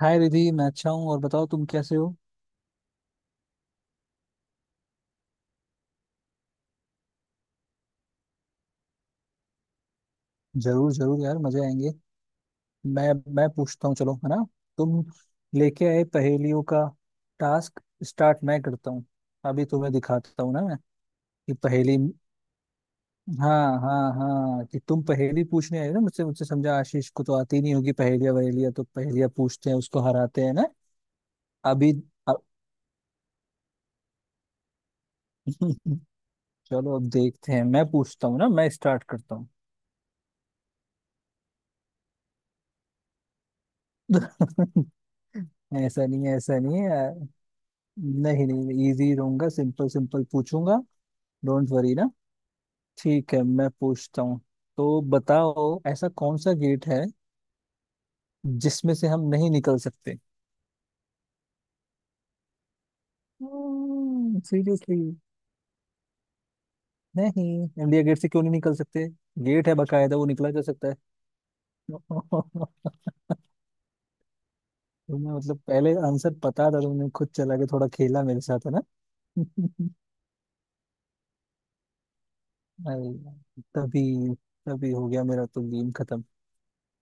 हाय रिधि, मैं अच्छा हूँ। और बताओ, तुम कैसे हो? जरूर जरूर, यार मजे आएंगे। मैं पूछता हूँ, चलो है ना। तुम लेके आए पहेलियों का टास्क। स्टार्ट मैं करता हूँ। अभी तुम्हें दिखाता हूँ ना मैं। कि पहेली। हाँ हाँ हाँ, कि तुम पहेली पूछने आए ना मुझसे मुझसे। समझा, आशीष को तो आती नहीं होगी पहेलियाँ वहेलियाँ, तो पहेलियाँ पूछते हैं, उसको हराते हैं ना। अभी अब- चलो अब देखते हैं, मैं पूछता हूँ ना, मैं स्टार्ट करता हूँ। ऐसा नहीं है, ऐसा नहीं है। नहीं नहीं, मैं इजी रहूंगा, सिंपल सिंपल पूछूंगा। डोंट वरी ना। ठीक है, मैं पूछता हूँ। तो बताओ, ऐसा कौन सा गेट है जिसमें से हम नहीं निकल सकते? सीरियसली? नहीं। इंडिया गेट से क्यों नहीं निकल सकते? गेट है बकायदा, वो निकला जा सकता है। तुम्हें मतलब पहले आंसर पता था, तुमने खुद चला के थोड़ा खेला मेरे साथ, है ना? अरे यार, तभी तभी हो गया मेरा तो गेम खत्म।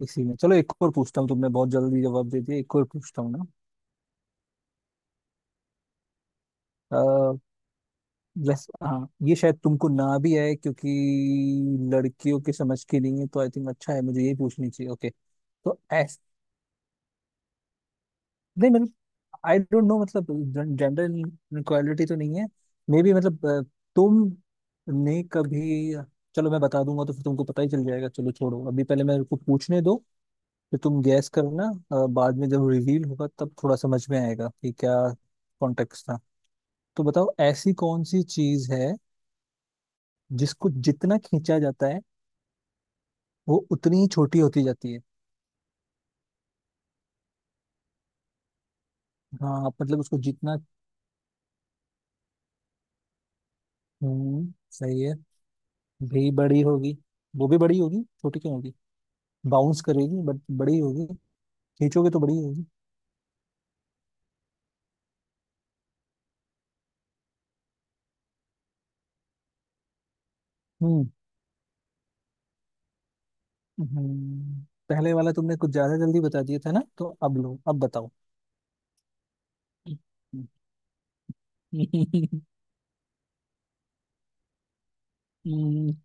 इसी में चलो, एक और पूछता हूँ, तुमने बहुत जल्दी जवाब दे दिया, एक और पूछता हूँ ना। वैसे, हाँ ये शायद तुमको ना भी आए क्योंकि लड़कियों के समझ के नहीं है, तो आई थिंक अच्छा है, मुझे ये पूछनी चाहिए। ओके। तो ऐस नहीं, मतलब आई डोंट नो, मतलब जेंडर इनक्वालिटी तो नहीं है। मे बी मतलब तुम ने कभी... चलो मैं बता दूंगा तो फिर तुमको पता ही चल जाएगा, चलो छोड़ो, अभी पहले मेरे को पूछने दो। फिर तुम गैस करना। बाद में जब रिवील होगा तब थोड़ा समझ में आएगा कि क्या कॉन्टेक्स्ट था। तो बताओ, ऐसी कौन सी चीज है जिसको जितना खींचा जाता है वो उतनी ही छोटी होती जाती है? हाँ मतलब उसको जितना... हम्म, सही है। भी बड़ी होगी। वो भी बड़ी होगी, छोटी क्यों होगी? बाउंस करेगी बट बड़ी होगी। खींचोगे तो बड़ी होगी। हम्म। हम्म, पहले वाला तुमने कुछ ज्यादा जल्दी बता दिया था ना, तो अब लो, अब बताओ।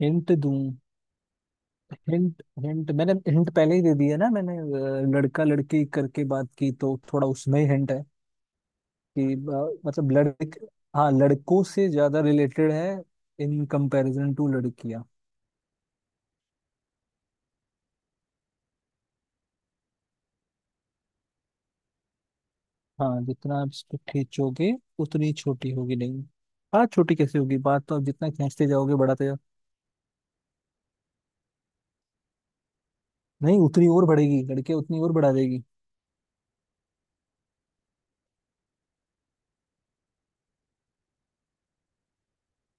हिंट दूं? हिंट हिंट, मैंने हिंट पहले ही दे दिया ना, मैंने लड़का लड़की करके बात की, तो थोड़ा उसमें ही हिंट है। कि मतलब लड़के। हाँ, लड़कों से ज्यादा रिलेटेड है इन कंपैरिजन टू लड़कियां। हाँ, जितना आप इसको खींचोगे उतनी छोटी होगी। नहीं, बात छोटी कैसे होगी? बात तो आप जितना खींचते जाओगे, बढ़ाते जाओ। नहीं, उतनी और बढ़ेगी, लड़के उतनी और बढ़ा देगी।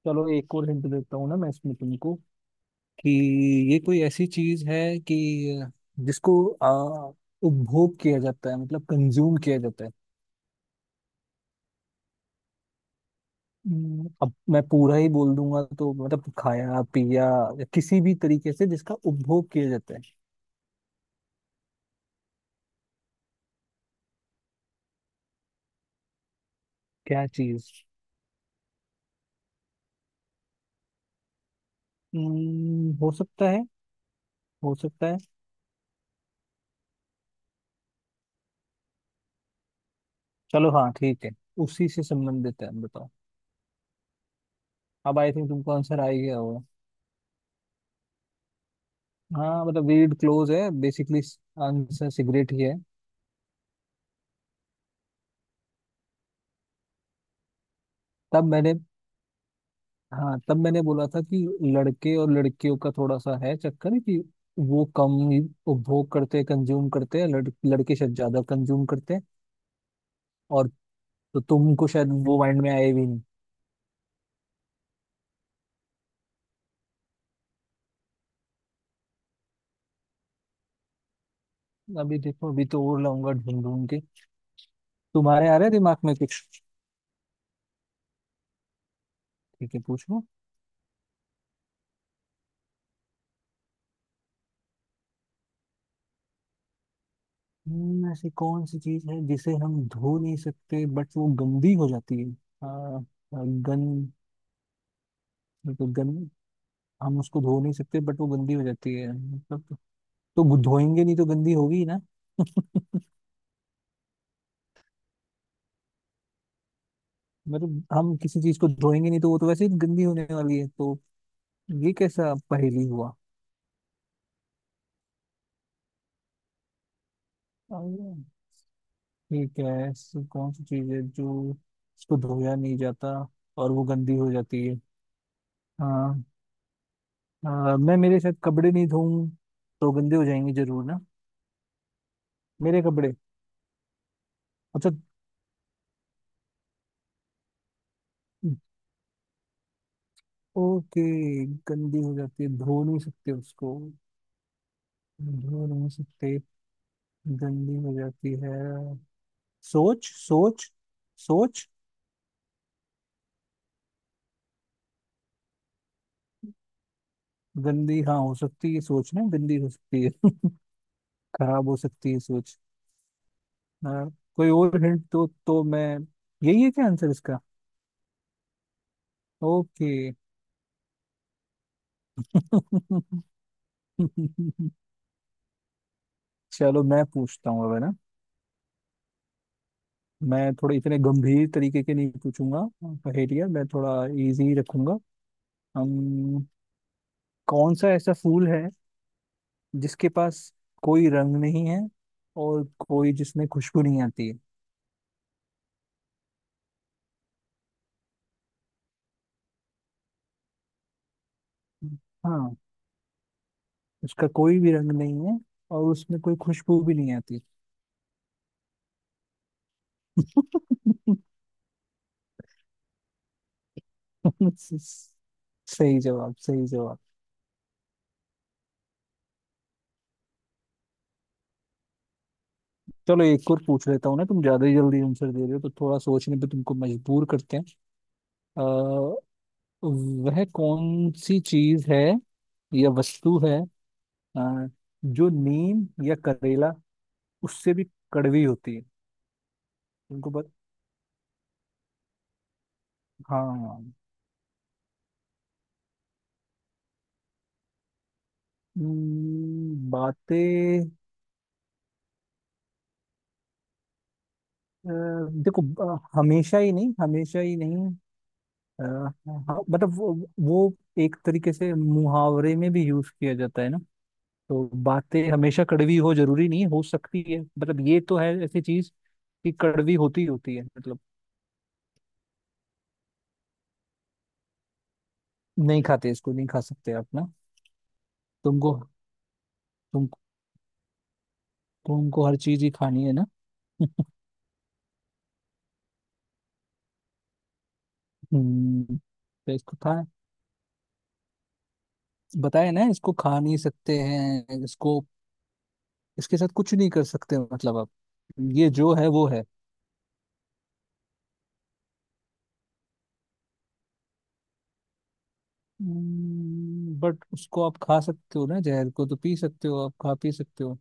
चलो एक और हिंट देता हूँ ना मैं इसमें तुमको। कि ये कोई ऐसी चीज है कि जिसको आ, उपभोग किया जाता है, मतलब कंज्यूम किया जाता है। अब मैं पूरा ही बोल दूंगा तो मतलब खाया पिया या किसी भी तरीके से जिसका उपभोग किया जाता है। क्या चीज? हो सकता है। हो सकता है। चलो हाँ, ठीक है। उसी से संबंधित है, बताओ। अब आई थिंक तुमको आंसर आ ही गया होगा। हाँ मतलब रीड क्लोज है बेसिकली। आंसर सिगरेट ही है। तब मैंने... हाँ तब मैंने बोला था कि लड़के और लड़कियों का थोड़ा सा है चक्कर, कि वो कम ही उपभोग करते हैं, कंज्यूम करते हैं, लड़के शायद ज्यादा कंज्यूम करते हैं। और तो तुमको शायद वो माइंड में आए भी नहीं। अभी देखो, अभी तो और लाऊंगा ढूंढ ढूंढ के। तुम्हारे आ रहे दिमाग में कुछ? ठीक है, पूछो। ऐसी कौन सी चीज है जिसे हम धो नहीं सकते बट वो गंदी हो जाती है? आ, गन। तो गन? हम उसको धो नहीं सकते बट वो गंदी हो जाती है मतलब। तो धोएंगे नहीं तो गंदी होगी ही ना। मतलब हम किसी चीज को धोएंगे नहीं तो वो तो वैसे ही गंदी होने वाली है, तो ये कैसा पहेली हुआ? ठीक है, ऐसी कौन सी चीज है जो उसको धोया नहीं जाता और वो गंदी हो जाती है? हाँ। मैं मेरे शायद कपड़े नहीं धोऊं तो गंदे हो जाएंगे जरूर ना। मेरे कपड़े। अच्छा। ओके। गंदी हो जाती है, धो नहीं सकते उसको। धो नहीं सकते। गंदी हो जाती है। सोच सोच, सोच। गंदी हाँ हो सकती है, सोच ना गंदी हो सकती है। खराब हो सकती है सोच। हाँ। कोई और हिंट तो मैं... यही है क्या आंसर इसका? ओके। चलो मैं पूछता हूँ अब, है ना? मैं थोड़े इतने गंभीर तरीके के नहीं पूछूंगा पहेलियाँ, मैं थोड़ा इजी रखूंगा। हम, कौन सा ऐसा फूल है जिसके पास कोई रंग नहीं है और कोई जिसमें खुशबू नहीं आती है? हाँ, उसका कोई भी रंग नहीं है और उसमें कोई खुशबू भी नहीं आती। सही जवाब, सही जवाब। चलो एक और पूछ लेता हूँ ना, तुम ज्यादा ही जल्दी आंसर दे रहे हो, तो थोड़ा सोचने पे तुमको मजबूर करते हैं। आ, वह कौन सी चीज है या वस्तु है, अ, जो नीम या करेला उससे भी कड़वी होती है? तुमको हाँ बातें। अ, देखो, हमेशा ही नहीं, हमेशा ही नहीं, हाँ, मतलब वो एक तरीके से मुहावरे में भी यूज किया जाता है ना। तो बातें हमेशा कड़वी हो जरूरी नहीं है, हो सकती है मतलब, ये तो है ऐसी चीज कि कड़वी होती ही होती है मतलब। नहीं खाते, इसको नहीं खा सकते आप ना। तुमको तुम तुमको हर चीज ही खानी है ना? तो इसको खा... बताए ना, इसको खा नहीं सकते हैं इसको। इसके साथ कुछ नहीं कर सकते मतलब आप। ये जो है वो है। बट उसको आप खा सकते हो ना, जहर को तो पी सकते हो, आप खा पी सकते हो।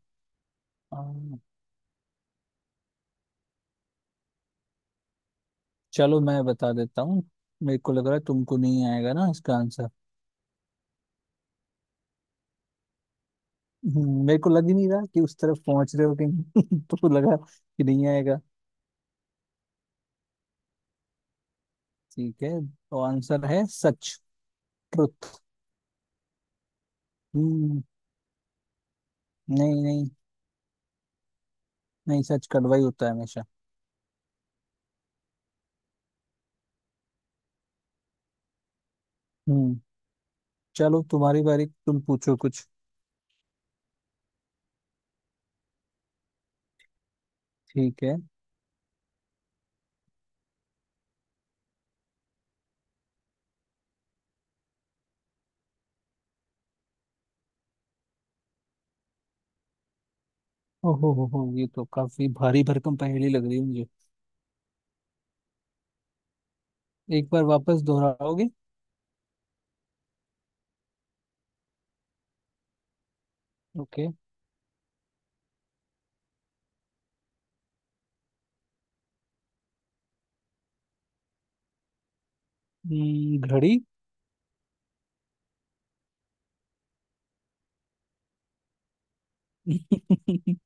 हाँ। चलो मैं बता देता हूँ। मेरे को लग रहा है तुमको नहीं आएगा ना इसका आंसर। मेरे को लग ही नहीं रहा कि उस तरफ पहुंच रहे हो कि नहीं। तो लगा कि नहीं आएगा। ठीक है तो आंसर है सच। ट्रुथ। हम्म। नहीं नहीं, नहीं सच कड़वा ही होता है हमेशा। हम्म। चलो तुम्हारी बारी, तुम पूछो कुछ। ठीक है। ओहो हो, ये तो काफी भारी भरकम पहेली लग रही है मुझे। एक बार वापस दोहराओगे? ओके। घड़ी।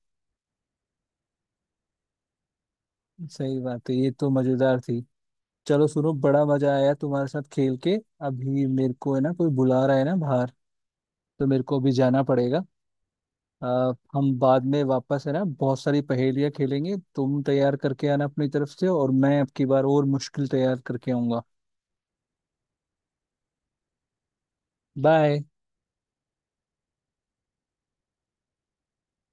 सही बात है, ये तो मजेदार थी। चलो सुनो, बड़ा मजा आया तुम्हारे साथ खेल के। अभी मेरे को है ना कोई बुला रहा है ना बाहर, तो मेरे को अभी जाना पड़ेगा। हम बाद में वापस, है ना, बहुत सारी पहेलियां खेलेंगे, तुम तैयार करके आना अपनी तरफ से और मैं अब की बार और मुश्किल तैयार करके आऊंगा। बाय।